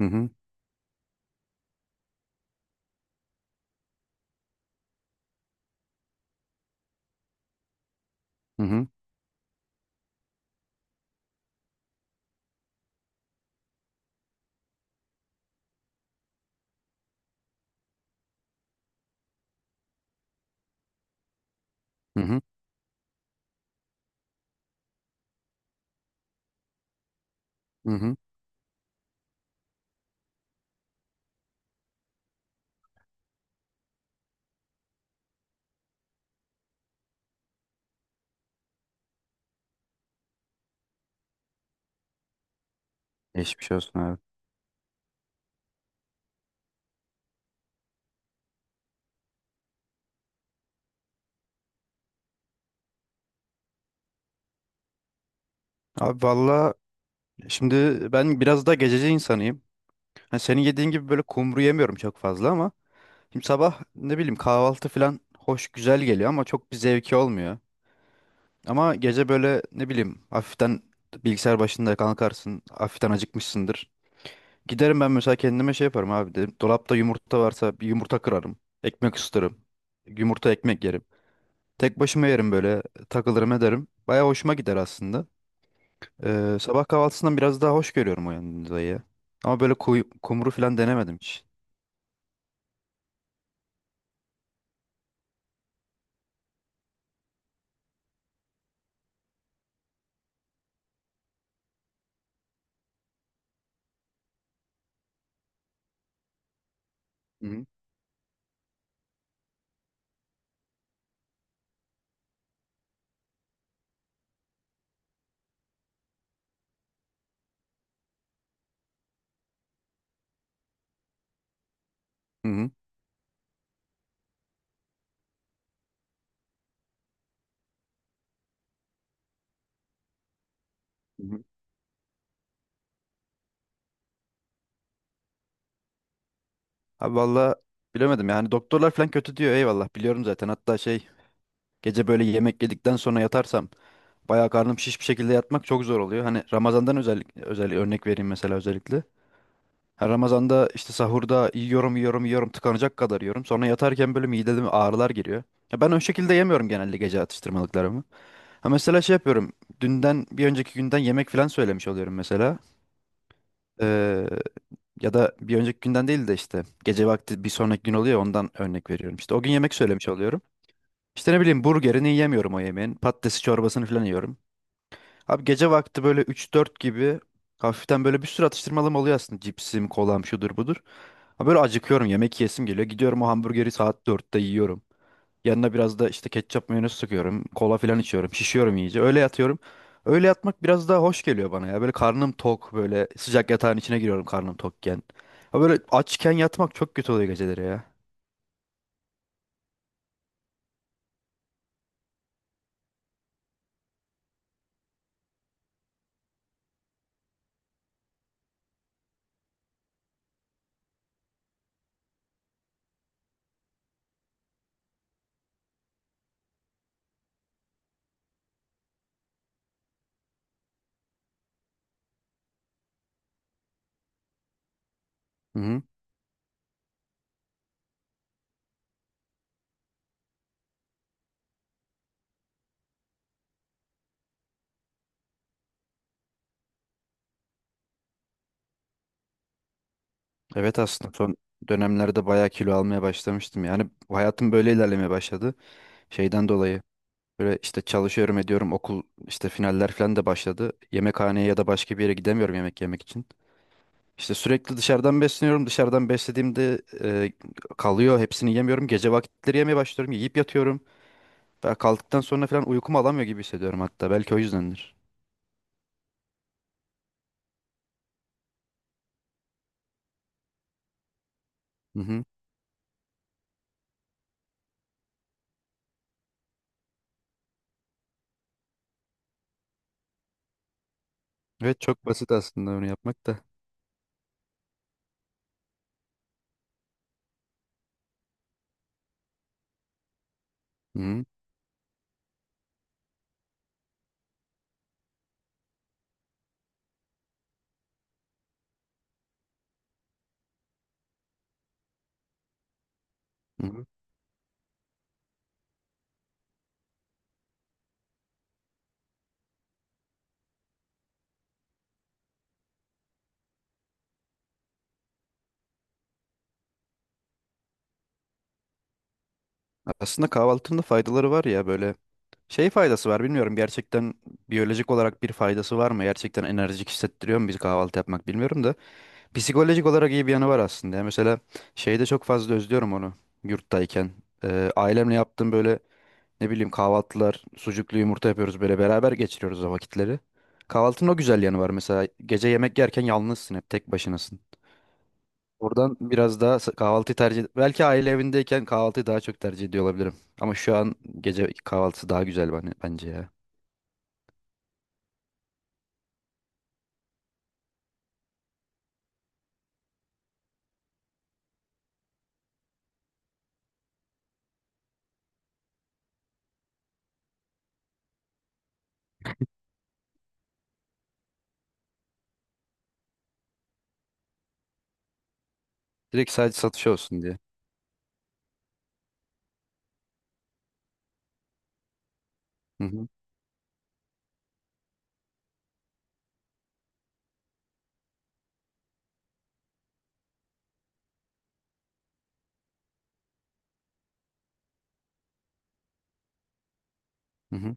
Hı hı, hı hı, hı hı, hı hı. Geçmiş olsun abi. Abi valla şimdi ben biraz da gececi insanıyım. Hani senin yediğin gibi böyle kumru yemiyorum çok fazla ama şimdi sabah ne bileyim kahvaltı falan hoş güzel geliyor ama çok bir zevki olmuyor. Ama gece böyle ne bileyim hafiften bilgisayar başında kalkarsın, hafiften acıkmışsındır. Giderim ben mesela kendime şey yaparım abi dedim. Dolapta yumurta varsa bir yumurta kırarım. Ekmek ısıtırım. Yumurta ekmek yerim. Tek başıma yerim böyle takılırım ederim. Baya hoşuma gider aslında. Sabah kahvaltısından biraz daha hoş görüyorum o yanındayı. Ama böyle kumru falan denemedim hiç. Hı hı. Hı hı. Hı hı. Abi valla bilemedim yani doktorlar falan kötü diyor eyvallah biliyorum zaten. Hatta şey gece böyle yemek yedikten sonra yatarsam bayağı karnım şiş bir şekilde yatmak çok zor oluyor. Hani Ramazan'dan özellikle özel örnek vereyim mesela özellikle. Her Ramazan'da işte sahurda yiyorum yiyorum yiyorum tıkanacak kadar yiyorum. Sonra yatarken böyle mideme ağrılar giriyor. Ya ben o şekilde yemiyorum genelde gece atıştırmalıklarımı. Ha mesela şey yapıyorum. Dünden bir önceki günden yemek falan söylemiş oluyorum mesela. Ee, Ya da bir önceki günden değil de işte gece vakti bir sonraki gün oluyor ya, ondan örnek veriyorum. İşte o gün yemek söylemiş oluyorum. İşte ne bileyim burgerini yemiyorum o yemeğin. Patatesi çorbasını falan yiyorum. Abi gece vakti böyle üç dört gibi hafiften böyle bir sürü atıştırmalım oluyor aslında. Cipsim, kolam şudur budur. Ha böyle acıkıyorum yemek yiyesim geliyor. Gidiyorum o hamburgeri saat dörtte yiyorum. Yanına biraz da işte ketçap mayonez sıkıyorum. Kola falan içiyorum. Şişiyorum iyice. Öyle yatıyorum. Öyle yatmak biraz daha hoş geliyor bana ya. Böyle karnım tok böyle sıcak yatağın içine giriyorum karnım tokken. Ha böyle açken yatmak çok kötü oluyor geceleri ya. Hı-hı. Evet aslında son dönemlerde bayağı kilo almaya başlamıştım. Yani hayatım böyle ilerlemeye başladı. Şeyden dolayı. Böyle işte çalışıyorum ediyorum okul işte finaller falan da başladı. Yemekhaneye ya da başka bir yere gidemiyorum yemek yemek için. İşte sürekli dışarıdan besleniyorum. Dışarıdan beslediğimde kalıyor. Hepsini yemiyorum. Gece vakitleri yemeye başlıyorum. Yiyip yatıyorum. Ve kalktıktan sonra falan uykumu alamıyor gibi hissediyorum hatta. Belki o yüzdendir. Hı hı. Evet çok basit aslında onu yapmak da. Hı hı. Hı hı. Aslında kahvaltının da faydaları var ya böyle. Şey faydası var bilmiyorum gerçekten biyolojik olarak bir faydası var mı? Gerçekten enerjik hissettiriyor mu bizi kahvaltı yapmak bilmiyorum da. Psikolojik olarak iyi bir yanı var aslında. Yani mesela şeyde çok fazla özlüyorum onu yurttayken. Ailemle yaptığım böyle ne bileyim kahvaltılar, sucuklu yumurta yapıyoruz böyle beraber geçiriyoruz o vakitleri. Kahvaltının o güzel yanı var mesela. Gece yemek yerken yalnızsın hep tek başınasın. Oradan biraz daha kahvaltıyı tercih belki aile evindeyken kahvaltıyı daha çok tercih ediyor olabilirim. Ama şu an gece kahvaltısı daha güzel bana, bence ya. Direkt sadece satış olsun diye. Hı hı. Hı hı.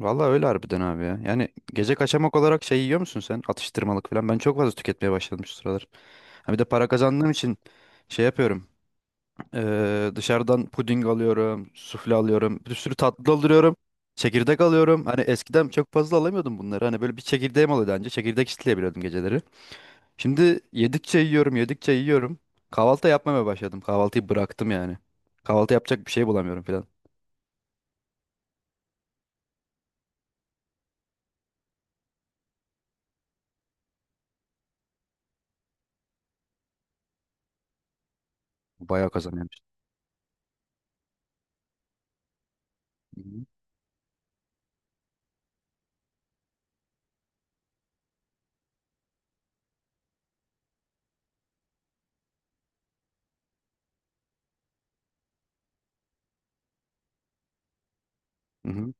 Vallahi öyle harbiden abi ya. Yani gece kaçamak olarak şey yiyor musun sen? Atıştırmalık falan. Ben çok fazla tüketmeye başladım şu sıralar. Ha bir de para kazandığım için şey yapıyorum. Dışarıdan puding alıyorum, sufle alıyorum, bir sürü tatlı alıyorum, çekirdek alıyorum. Hani eskiden çok fazla alamıyordum bunları. Hani böyle bir çekirdeğim oluyordu önce çekirdek çitleyebiliyordum geceleri. Şimdi yedikçe yiyorum, yedikçe yiyorum. Kahvaltı yapmamaya başladım. Kahvaltıyı bıraktım yani. Kahvaltı yapacak bir şey bulamıyorum falan. Bayağı kazanıyormuş. Hı hı. Hı hı.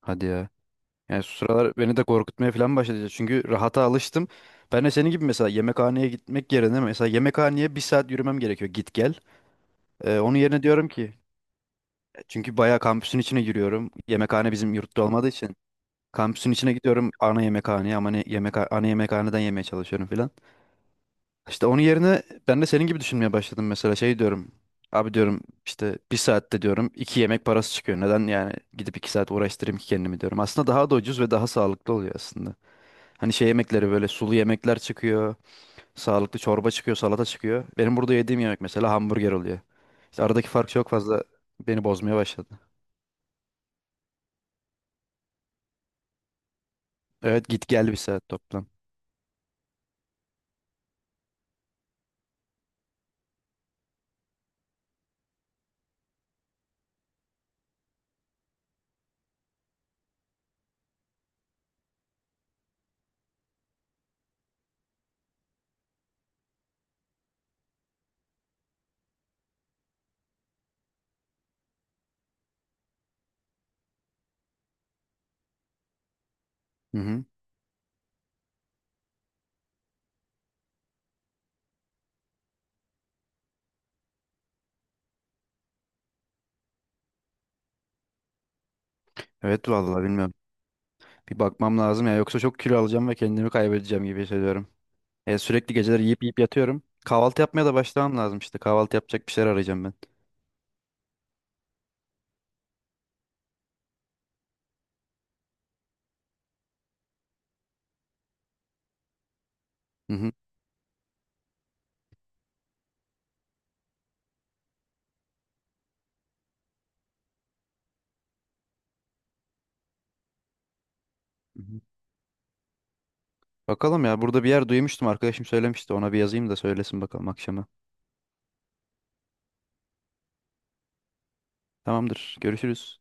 Hadi ya. Yani şu sıralar beni de korkutmaya falan başladı. Çünkü rahata alıştım. Ben de senin gibi mesela yemekhaneye gitmek yerine mesela yemekhaneye bir saat yürümem gerekiyor git gel. Onun yerine diyorum ki çünkü bayağı kampüsün içine giriyorum. Yemekhane bizim yurtta olmadığı için. Kampüsün içine gidiyorum ana yemekhaneye ama yemek ana yemekhaneden yemeye çalışıyorum filan. İşte onun yerine ben de senin gibi düşünmeye başladım mesela şey diyorum. Abi diyorum işte bir saatte diyorum iki yemek parası çıkıyor. Neden yani gidip iki saat uğraştırayım ki kendimi diyorum. Aslında daha da ucuz ve daha sağlıklı oluyor aslında. Hani şey yemekleri böyle sulu yemekler çıkıyor. Sağlıklı çorba çıkıyor, salata çıkıyor. Benim burada yediğim yemek mesela hamburger oluyor. İşte aradaki fark çok fazla beni bozmaya başladı. Evet git gel bir saat toplam. Hı hı. Evet vallahi bilmiyorum. Bir bakmam lazım ya yoksa çok kilo alacağım ve kendimi kaybedeceğim gibi hissediyorum. Sürekli geceleri yiyip yiyip yatıyorum. Kahvaltı yapmaya da başlamam lazım işte. Kahvaltı yapacak bir şeyler arayacağım ben. Hı hı. Hı hı. Bakalım ya burada bir yer duymuştum arkadaşım söylemişti. Ona bir yazayım da söylesin bakalım akşama. Tamamdır. Görüşürüz.